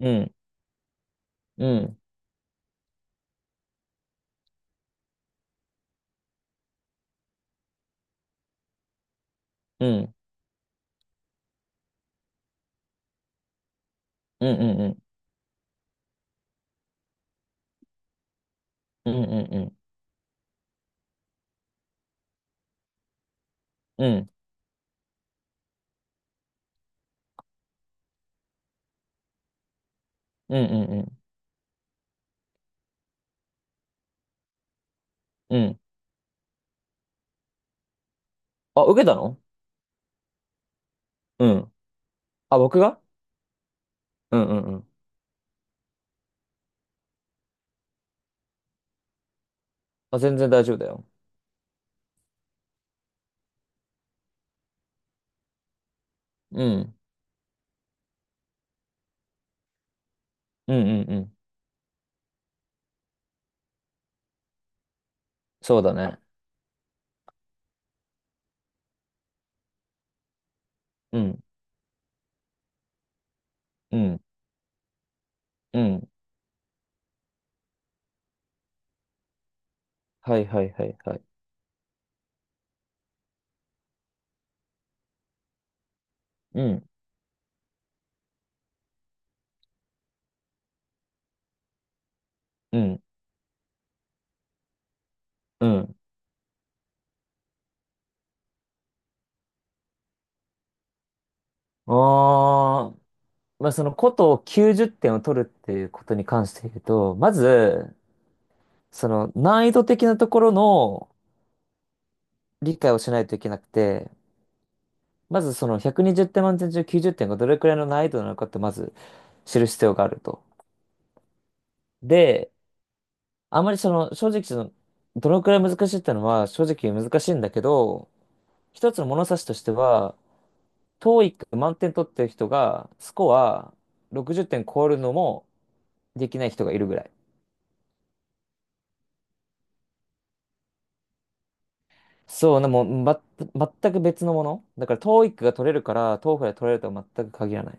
うん、うん、うん、うん、うん、うん、うん、うん、うん、うん、うん、うん、うん。あ、受けたの？うん。あ、僕が？うん、うん、うん。あ、全然大丈夫だよ。うん、うん、うん、うん。そうだね。うん、うん、うん。はい、はい、はい、はい。うん、うん、うん。あー、まあ、その、ことを90点を取るっていうことに関して言うと、まず、その、難易度的なところの理解をしないといけなくて、まずその120点満点中90点がどれくらいの難易度なのかってまず知る必要があると。で、あまりその正直そのどのくらい難しいってのは正直難しいんだけど、一つの物差しとしては、トーイック満点取ってる人がスコア60点超えるのもできない人がいるぐらい。そう、でも、ま、全く別のもの。だからトーイックが取れるからトーフ f l が取れるとは全く限らない。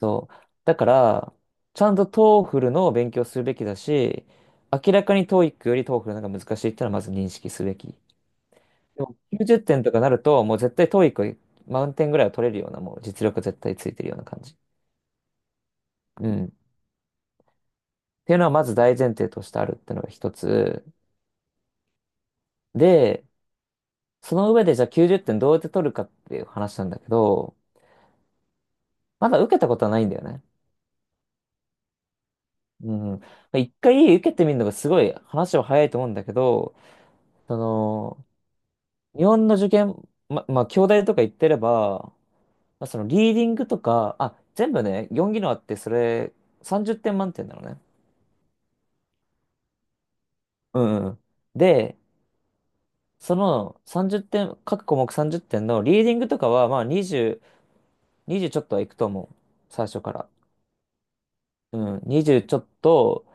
そう。だから、ちゃんと TOEFL の勉強するべきだし、明らかに TOEIC より TOEFL の方が難しいってのはまず認識すべき。でも90点とかなると、もう絶対 TOEIC 満点ぐらいは取れるような、もう実力絶対ついてるような感じ。うん。っていうのはまず大前提としてあるってのが一つ。で、その上でじゃあ90点どうやって取るかっていう話なんだけど、まだ受けたことはないんだよね。うん。一回受けてみるのがすごい話は早いと思うんだけど、その、日本の受験、ま、まあ、京大とか行ってれば、まあ、そのリーディングとか、あ、全部ね、4技能あって、それ、30点満点なのね。うんうん。で、その30点、各項目30点のリーディングとかは、まあ20、20ちょっとはいくと思う。最初から。うん、20ちょっと、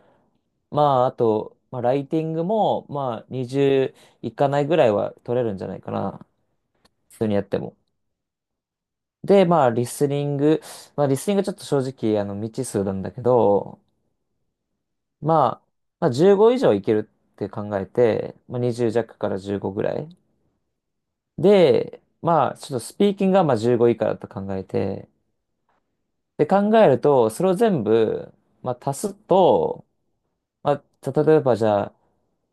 まああと、まあライティングも、まあ20いかないぐらいは取れるんじゃないかな。普通にやっても。で、まあ、リスニング。まあ、リスニングちょっと正直、未知数なんだけど、まあ、まあ、15以上いけるって考えて、まあ、20弱から15ぐらい。で、まあ、ちょっとスピーキングがまあ15以下だと考えて、で、考えると、それを全部、まあ、足すと、まあ、た例えばじゃあ、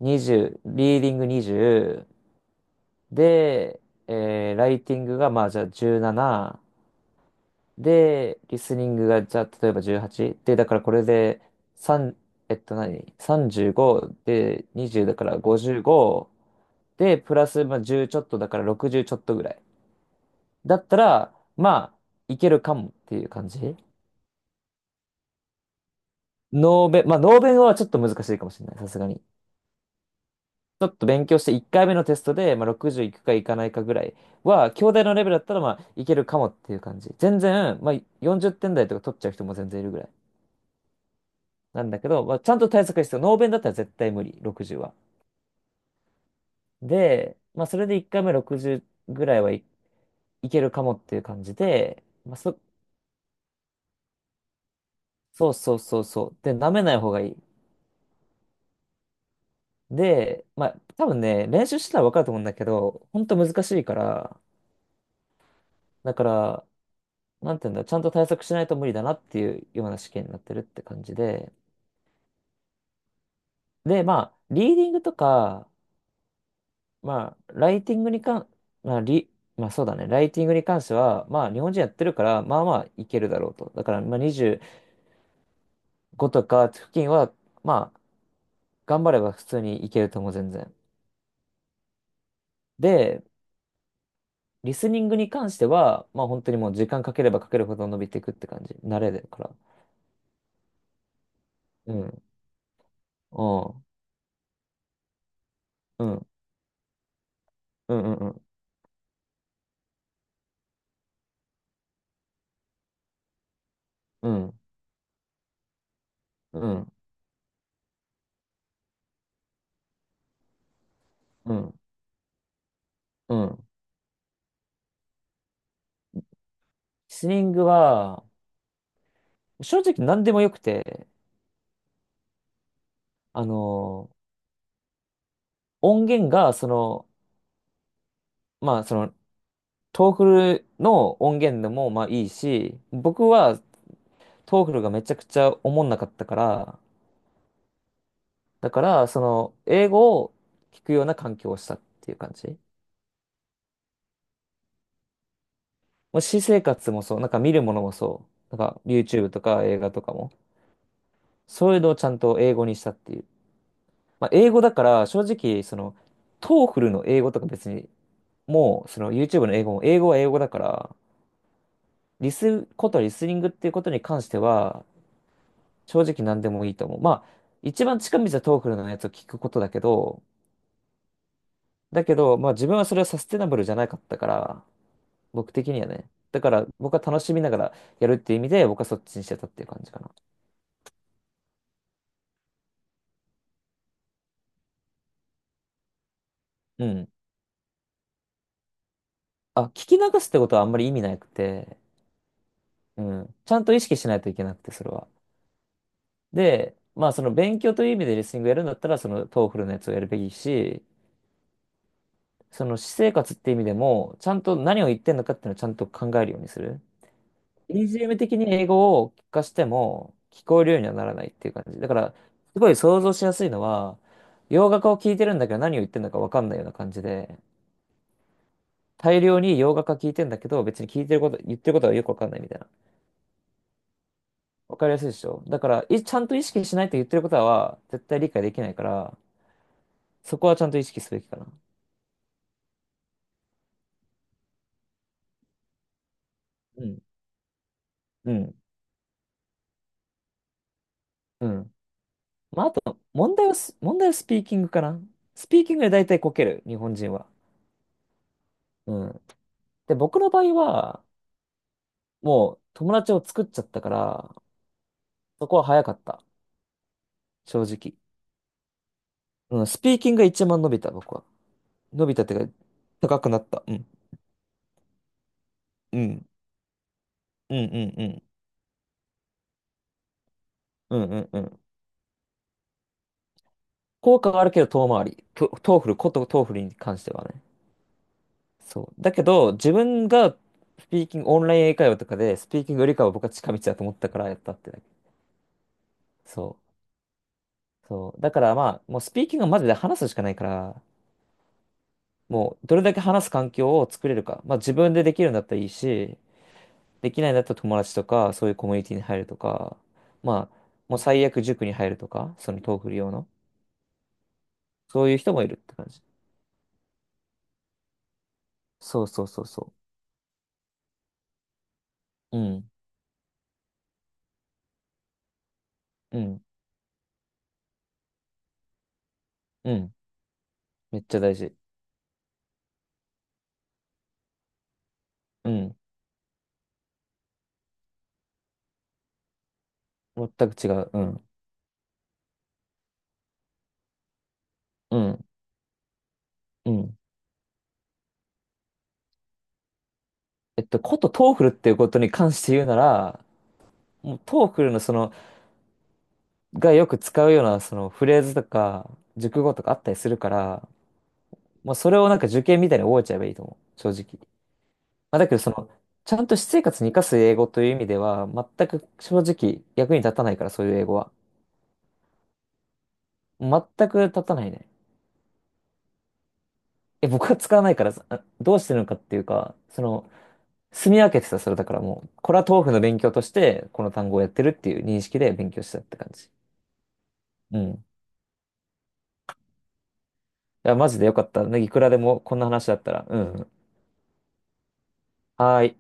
20、リーディング20、で、ライティングがまあ、じゃあ17、で、リスニングが、じゃあ、例えば18。で、だからこれで、3、えっと何？ 35 で、20だから55。で、プラス、まあ、10ちょっとだから60ちょっとぐらい。だったら、まあ、いけるかもっていう感じ。ノーベンはちょっと難しいかもしれない。さすがに。ちょっと勉強して、1回目のテストで、まあ、60いくかいかないかぐらいは、兄弟のレベルだったら、まあ、いけるかもっていう感じ。全然、まあ、40点台とか取っちゃう人も全然いるぐらい。なんだけど、まあ、ちゃんと対策が必要。ノーベンだったら絶対無理、60は。で、まあ、それで1回目60ぐらいはい、いけるかもっていう感じで、まあ、そうそうそうそう。で、舐めない方がいい。で、まあ、多分ね、練習してたら分かると思うんだけど、ほんと難しいから、だから、なんていうんだ、ちゃんと対策しないと無理だなっていうような試験になってるって感じで、で、まあ、リーディングとか、まあ、ライティングに関、まあ、リ、まあそうだね。ライティングに関しては、まあ日本人やってるから、まあまあいけるだろうと。だから、まあ25とか付近は、まあ頑張れば普通にいけると思う、全然。で、リスニングに関しては、まあ本当にもう時間かければかけるほど伸びていくって感じ。慣れだから。うん。うん。うん。うん。うんうん。うん。うん。うん。リスニングは、正直何でもよくて、あの、音源が、その、まあ、そのトーフルの音源でもまあいいし、僕はトーフルがめちゃくちゃおもんなかったから、だからその英語を聞くような環境をしたっていう感じ。もう私生活もそう、なんか見るものもそう、なんか YouTube とか映画とかも、そういうのをちゃんと英語にしたっていう。まあ英語だから正直そのトーフルの英語とか別にもうその YouTube の英語も英語は英語だから、リスニングっていうことに関しては正直何でもいいと思う。まあ、一番近道はトーフルのやつを聞くことだけど、だけど、まあ自分はそれはサステナブルじゃなかったから、僕的にはね。だから僕は楽しみながらやるっていう意味で、僕はそっちにしてたっていう感じかな。うん。あ、聞き流すってことはあんまり意味なくて、うん。ちゃんと意識しないといけなくて、それは。で、まあその勉強という意味でリスニングやるんだったら、そのトーフルのやつをやるべきし、その私生活って意味でも、ちゃんと何を言ってんのかっていうのをちゃんと考えるようにする。EGM 的に英語を聞かしても聞こえるようにはならないっていう感じ。だから、すごい想像しやすいのは、洋楽を聞いてるんだけど何を言ってるのか分かんないような感じで、大量に洋楽は聞いてんだけど、別に聞いてること、言ってることはよく分かんないみたいな。分かりやすいでしょ。だから、いちゃんと意識しないと言ってることは絶対理解できないから、そこはちゃんと意識すべきかな。うん。うん。うん。まあ、あと、問題はスピーキングかな。スピーキングで大体こける、日本人は。うん。で、僕の場合は、もう友達を作っちゃったから、そこは早かった。正直。うん、スピーキングが一番伸びた、僕は。伸びたっていうか、高くなった。うん。うん。うんうんうん。うんうんうん。効果はあるけど遠回り。トーフル、ことトーフルに関してはね。そう。だけど、自分がスピーキング、オンライン英会話とかで、スピーキングよりかは僕は近道だと思ったからやったってだけ。そう。そう。だからまあ、もうスピーキングはマジで話すしかないから、もうどれだけ話す環境を作れるか。まあ自分でできるんだったらいいし、できないんだったら友達とか、そういうコミュニティに入るとか、まあ、もう最悪塾に入るとか、そのトーフル用の、そういう人もいるって感じ。そうそうそうそう。うん、うん、うん。めっちゃ大事。うん。全く違う。うん、うん、うん。えっと、ことトーフルっていうことに関して言うなら、もうトーフルのその、がよく使うようなそのフレーズとか、熟語とかあったりするから、まあそれをなんか受験みたいに覚えちゃえばいいと思う。正直。まあ、だけど、その、ちゃんと私生活に生かす英語という意味では、全く正直役に立たないから、そういう英語は。全く立たないね。え、僕は使わないから、あどうしてるのかっていうか、その、住み分けてた、それだからもう、これは豆腐の勉強として、この単語をやってるっていう認識で勉強したって感じ。うん。いや、マジでよかった。ねいくらでもこんな話だったら。うん。はーい。